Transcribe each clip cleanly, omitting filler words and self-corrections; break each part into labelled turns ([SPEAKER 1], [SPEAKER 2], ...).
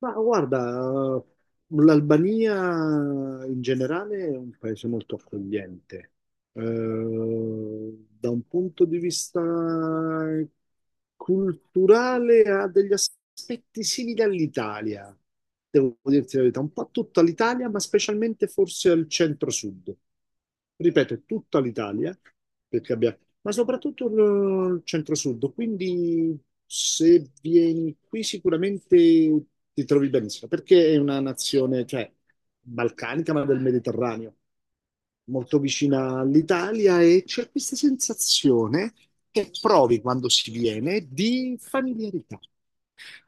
[SPEAKER 1] Ma guarda, l'Albania in generale è un paese molto accogliente. Eh, Da un punto di vista culturale ha degli aspetti simili all'Italia, devo dirti la verità, un po' a tutta l'Italia, ma specialmente forse al centro-sud. Ripeto, tutta l'Italia, perché abbia- ma soprattutto il centro-sud, quindi se vieni qui sicuramente ti trovi benissimo, perché è una nazione, cioè, balcanica, ma del Mediterraneo molto vicina all'Italia, e c'è questa sensazione che provi quando si viene di familiarità,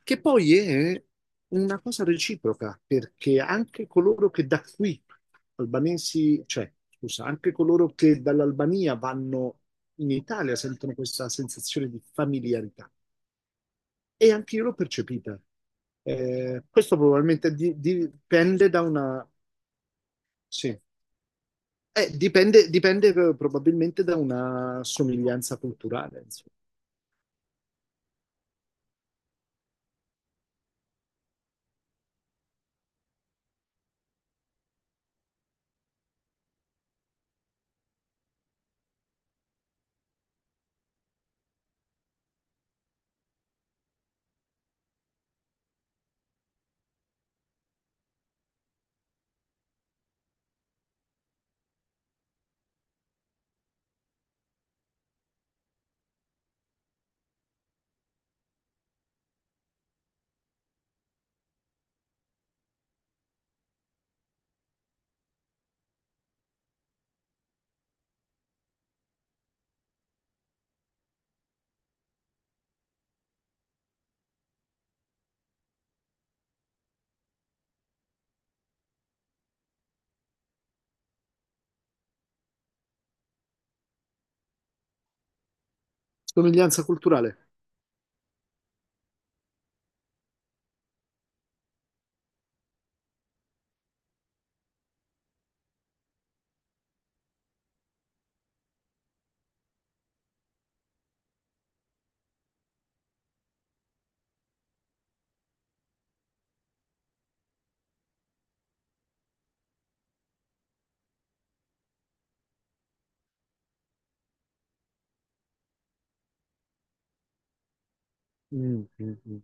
[SPEAKER 1] che poi è una cosa reciproca, perché anche coloro che da qui, albanesi, cioè, scusa, anche coloro che dall'Albania vanno in Italia sentono questa sensazione di familiarità, e anche io l'ho percepita. Questo probabilmente dipende da una... Sì. Dipende, dipende probabilmente da una somiglianza culturale, insomma. Somiglianza culturale. Mm, mm, mm.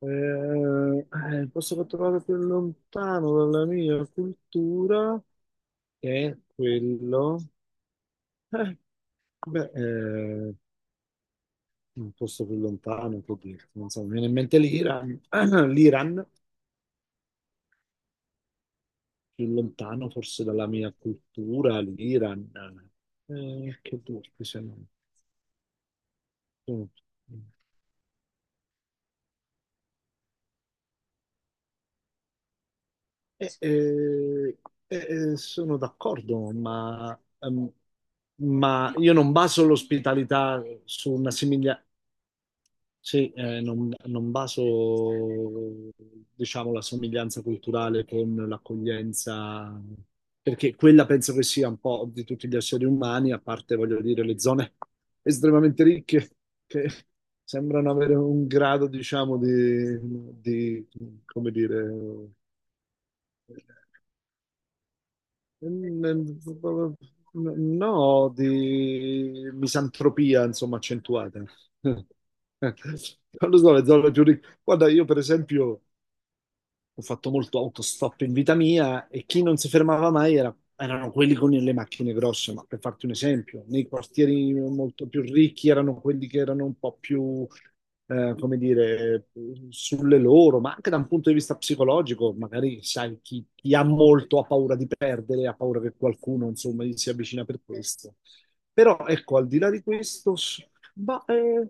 [SPEAKER 1] Eh, posso trovare più lontano dalla mia cultura che è quello. Eh, beh, eh, un posto più lontano, può dire. Non so, mi viene in mente l'Iran. L'Iran, più lontano forse dalla mia cultura, l'Iran. Che duro, che se no. Mm. Eh, eh, sono d'accordo, ma io non baso l'ospitalità su una sì, non, non baso, diciamo, la somiglianza culturale con l'accoglienza, perché quella penso che sia un po' di tutti gli esseri umani, a parte, voglio dire, le zone estremamente ricche che sembrano avere un grado, diciamo, di, come dire. Mm. No, di misantropia, insomma, accentuata. Non lo so, le zoologie. Guarda, io per esempio ho fatto molto autostop in vita mia, e chi non si fermava mai erano quelli con le macchine grosse, ma per farti un esempio, nei quartieri molto più ricchi erano quelli che erano un po' più, come dire, sulle loro, ma anche da un punto di vista psicologico, magari sai, chi, chi ha molto ha paura di perdere, ha paura che qualcuno, insomma, gli si avvicina per questo. Però ecco, al di là di questo, ma, eh,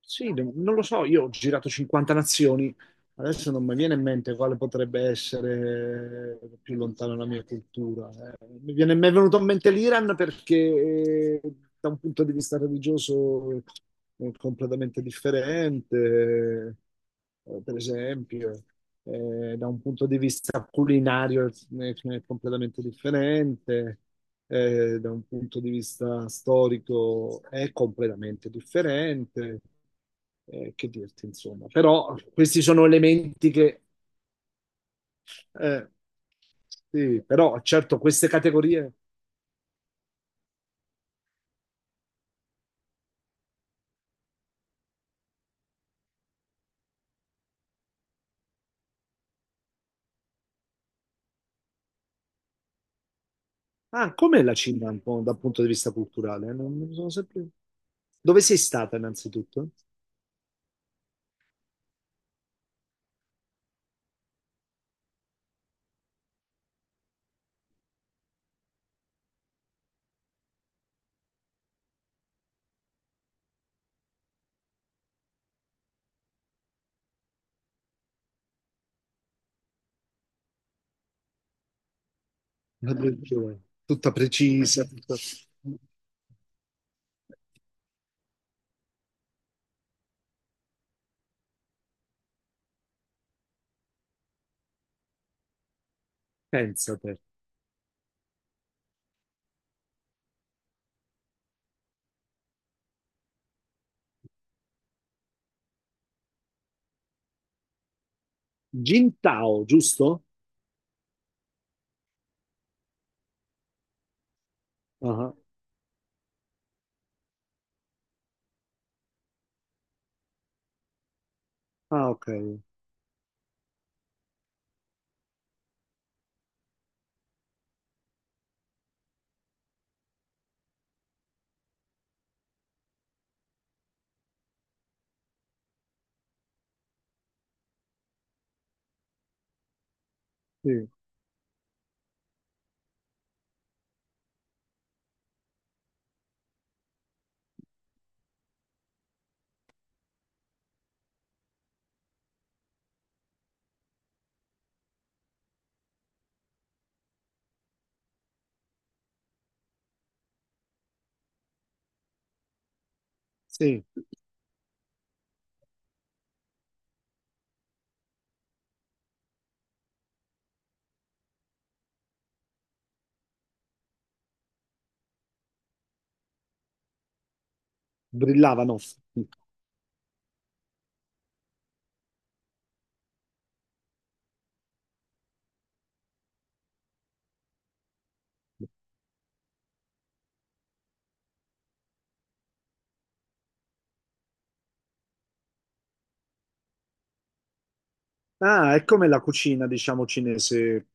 [SPEAKER 1] sì, non lo so, io ho girato 50 nazioni. Adesso non mi viene in mente quale potrebbe essere più lontano la mia cultura. Mi è venuto in mente l'Iran perché da un punto di vista religioso è completamente differente, per esempio. Da un punto di vista culinario è completamente differente, da un punto di vista storico è completamente differente. Che dirti, insomma. Però questi sono elementi che... eh, sì, però certo queste categorie... Ah, com'è la Cina un po' dal punto di vista culturale? Non non sono sempre... Dove sei stata innanzitutto? La religione. Tutta precisa, tutta... Pensa te. Jintao, giusto? Ah, ah, ok. Sì, sì. Brillavano. Ah, è come la cucina, diciamo, cinese.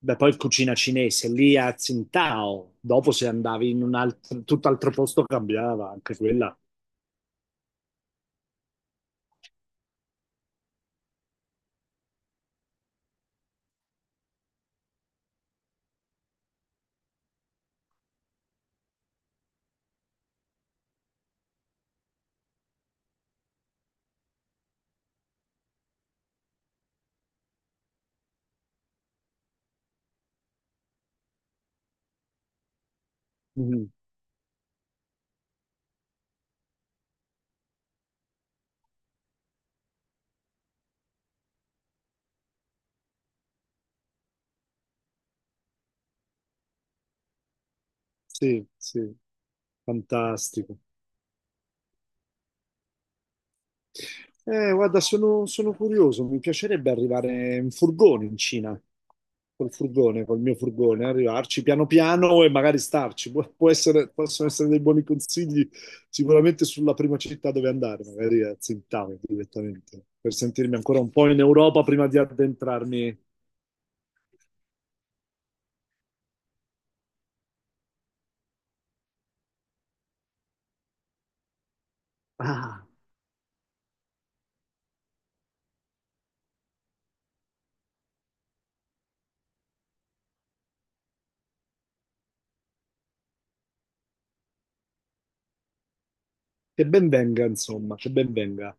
[SPEAKER 1] Beh, poi cucina cinese, lì a Tsingtao, dopo se andavi in un tutt'altro posto cambiava anche quella. Mhm. Sì, sì, fantastico. Guarda, sono, sono curioso, mi piacerebbe arrivare in furgone in Cina, col furgone, col mio furgone, arrivarci piano piano e magari starci. Può, possono essere dei buoni consigli sicuramente sulla prima città dove andare, magari a Tsingtao direttamente, per sentirmi ancora un po' in Europa prima di addentrarmi. Ah, che ben venga, insomma, che ben venga.